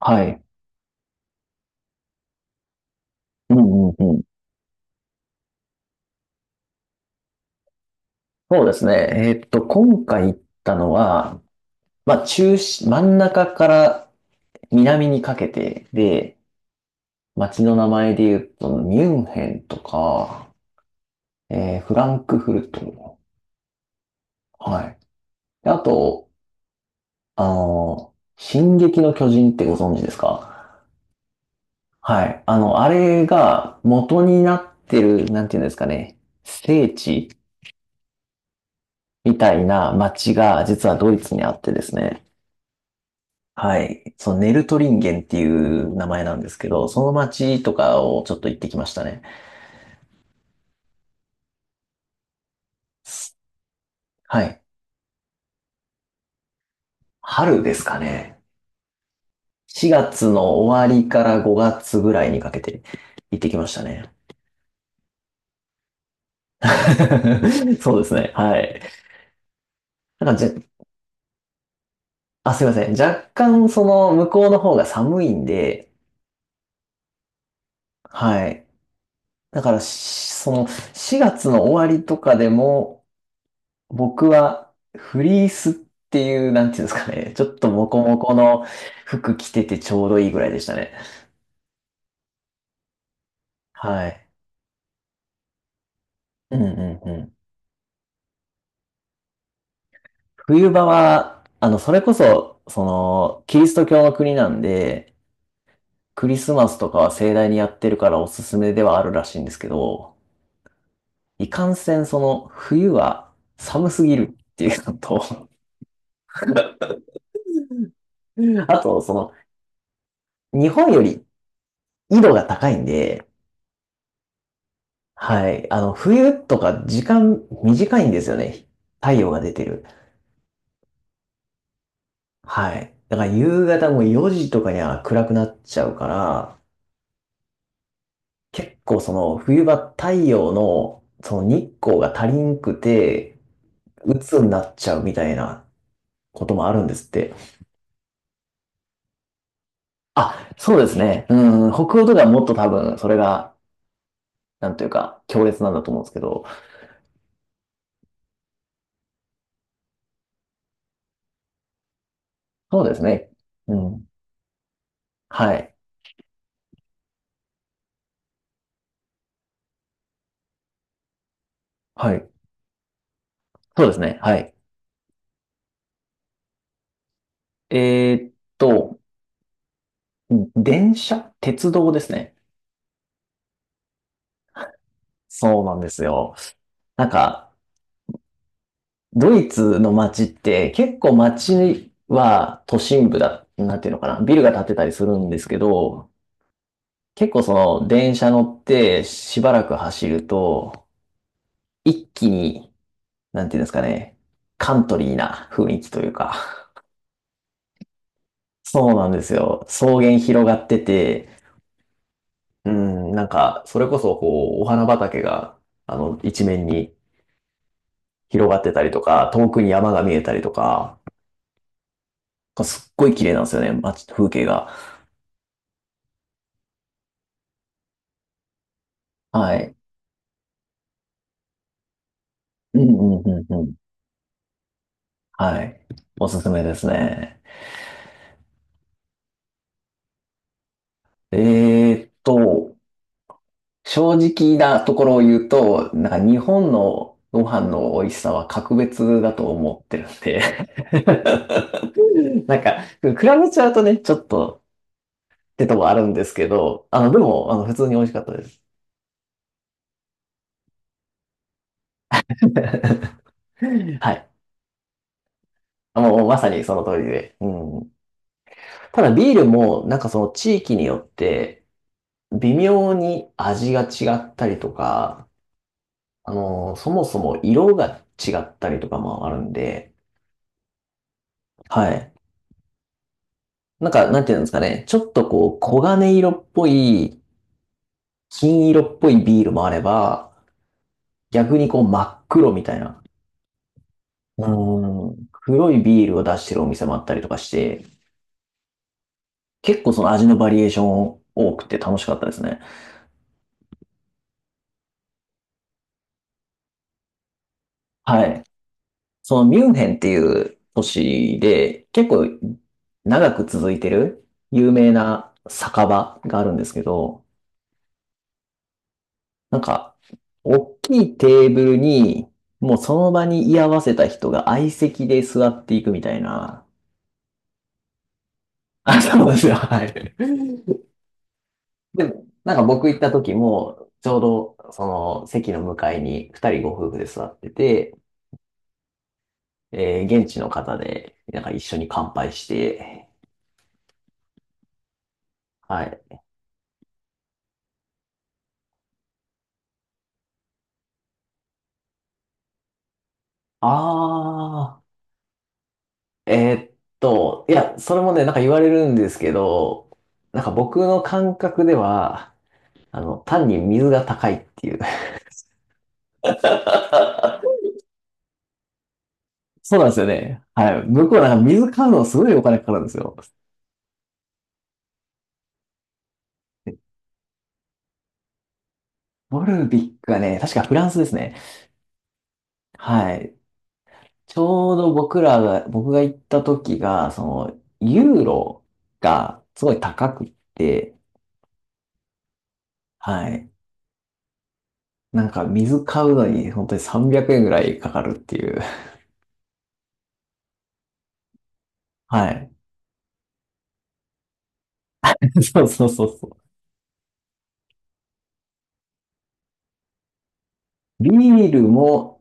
はい。うんうんうん。そうですね。今回行ったのは、まあ、中心、真ん中から南にかけてで、街の名前で言うと、ミュンヘンとか、フランクフルト。はい。であと、進撃の巨人ってご存知ですか？はい。あれが元になってる、なんていうんですかね、聖地みたいな街が実はドイツにあってですね。はい。そのネルトリンゲンっていう名前なんですけど、その町とかをちょっと行ってきましたね。すはい。春ですかね。4月の終わりから5月ぐらいにかけて行ってきましたね。そうですね。はい。なんかじゃ、あ、すいません。若干その向こうの方が寒いんで、はい。だから、その4月の終わりとかでも、僕はフリースっていう、なんていうんですかね。ちょっとモコモコの服着ててちょうどいいぐらいでしたね。はい。うんうんうん。冬場は、それこそ、キリスト教の国なんで、クリスマスとかは盛大にやってるからおすすめではあるらしいんですけど、いかんせん冬は寒すぎるっていうのと、あと、日本より緯度が高いんで、はい。冬とか時間短いんですよね。太陽が出てる。はい。だから夕方も4時とかには暗くなっちゃうから、結構その冬場太陽のその日光が足りんくて、鬱になっちゃうみたいなこともあるんですって。あ、そうですね。うん、北欧とかはもっと多分それが、なんというか、強烈なんだと思うんですけど、そうですね。うん。はい。はい。そうですね。はい。えーっと、電車鉄道ですね。そうなんですよ。なんか、ドイツの街って結構街は都心部だ、なんていうのかな、ビルが建ってたりするんですけど、結構その電車乗ってしばらく走ると、一気に、なんていうんですかね、カントリーな雰囲気というか、そうなんですよ。草原広がってて、うん、なんか、それこそこう、お花畑が、一面に広がってたりとか、遠くに山が見えたりとか、すっごい綺麗なんですよね、街、風景が。はい。うんうんうんうん。はい。おすすめですね。えーっと、正直なところを言うと、なんか日本のご飯の美味しさは格別だと思ってるんで なんか、比べちゃうとね、ちょっとってとこあるんですけど、でも、普通に美味しかったです。はい。もう、まさにその通りで。うん。ただビールもなんかその地域によって微妙に味が違ったりとか、そもそも色が違ったりとかもあるんで、はい。なんか、なんていうんですかね、ちょっとこう、黄金色っぽい、金色っぽいビールもあれば、逆にこう、真っ黒みたいな、うーん、黒いビールを出してるお店もあったりとかして、結構その味のバリエーション多くて楽しかったですね。はい。そのミュンヘンっていう都市で結構長く続いてる有名な酒場があるんですけど、なんか大きいテーブルにもうその場に居合わせた人が相席で座っていくみたいな。あ、そうですよ。はい。で、なんか僕行った時もちょうどその席の向かいに二人ご夫婦で座ってて、現地の方でなんか一緒に乾杯して、はい。ああ。えーっいや、それもね、なんか言われるんですけど、なんか僕の感覚では、単に水が高いっていう。そうなんですよね。はい。向こうなんか水買うのすごいお金かかるんですよ。ボルビックがね、確かフランスですね。はい。ちょうど僕が行った時が、ユーロがすごい高くって、はい。なんか水買うのに本当に300円ぐらいかかるっていう。はい。そうそうそうそう。ビールも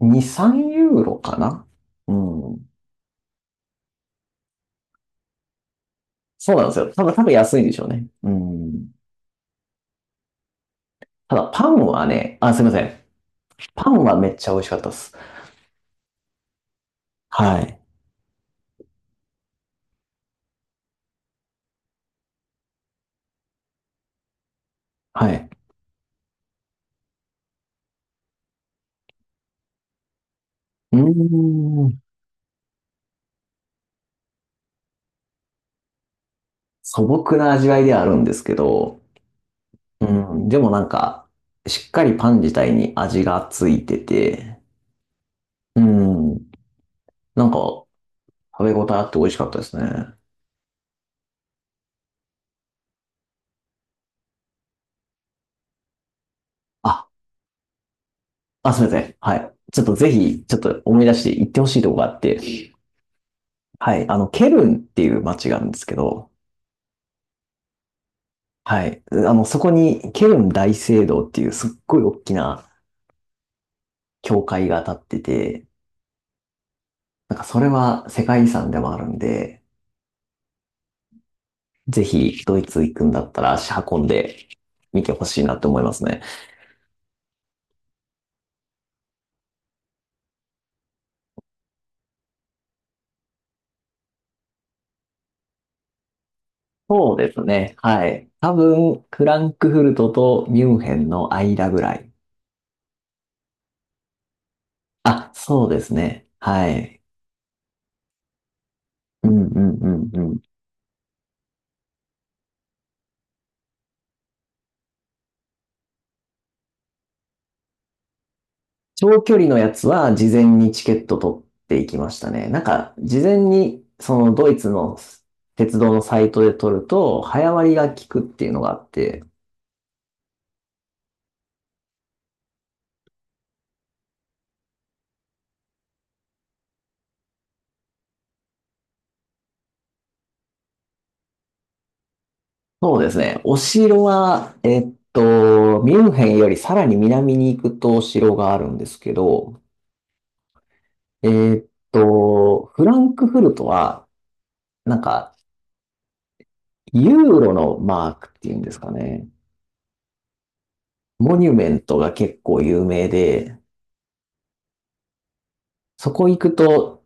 2、3ユーロかな。うん。そうなんですよ。多分、安いんでしょうね。うん。ただ、パンはね、あ、すいません。パンはめっちゃ美味しかったです。はい。はい。うーん。素朴な味わいではあるんですけど、うん。でもなんか、しっかりパン自体に味がついてて、うん。なんか、食べ応えあって美味しかったですね。あ、あ、すみません。はい。ちょっとぜひ、ちょっと思い出して行ってほしいとこがあって、はい、ケルンっていう街があるんですけど、はい、そこにケルン大聖堂っていうすっごい大きな教会が建ってて、なんかそれは世界遺産でもあるんで、ぜひドイツ行くんだったら足運んで見てほしいなって思いますね。そうですね。はい。多分、フランクフルトとミュンヘンの間ぐらい。あ、そうですね。はい。うんうんうんうん。長距離のやつは事前にチケット取っていきましたね。なんか、事前にそのドイツの鉄道のサイトで取ると、早割が効くっていうのがあって、そうですね。お城は、ミュンヘンよりさらに南に行くとお城があるんですけど、えっフランクフルトは、なんか、ユーロのマークっていうんですかね。モニュメントが結構有名で、そこ行くと、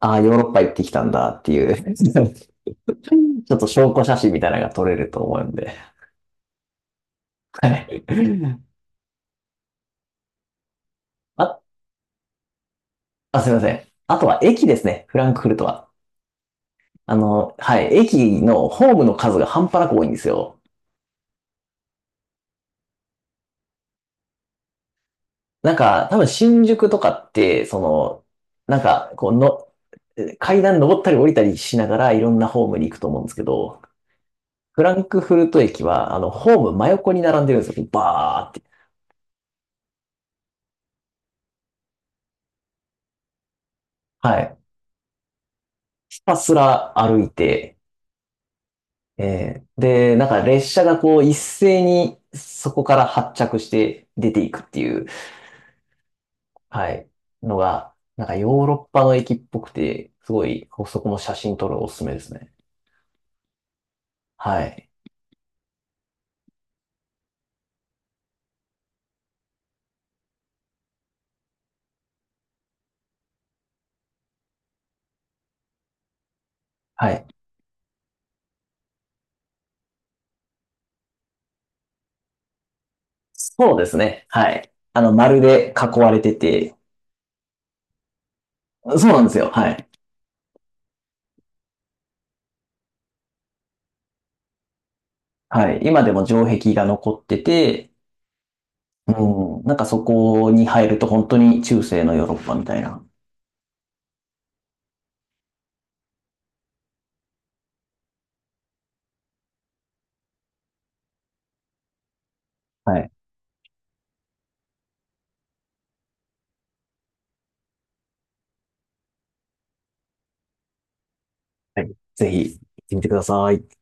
ああ、ヨーロッパ行ってきたんだっていう ちょっと証拠写真みたいなのが撮れると思うんで。はい。あ、あ、すいません。あとは駅ですね。フランクフルトは。はい。駅のホームの数が半端なく多いんですよ。なんか、多分新宿とかって、なんか、こうの、階段登ったり降りたりしながらいろんなホームに行くと思うんですけど、フランクフルト駅は、ホーム真横に並んでるんですよ。バーって。はい。ひたすら歩いて、で、なんか列車がこう一斉にそこから発着して出ていくっていう、はい、のが、なんかヨーロッパの駅っぽくて、すごい、そこも写真撮るのおすすめですね。はい。はい。そうですね。はい。丸で囲われてて、そうなんですよ。はい。はい。今でも城壁が残ってて、うん。なんかそこに入ると本当に中世のヨーロッパみたいな。はい。はい。ぜひ行ってみてください。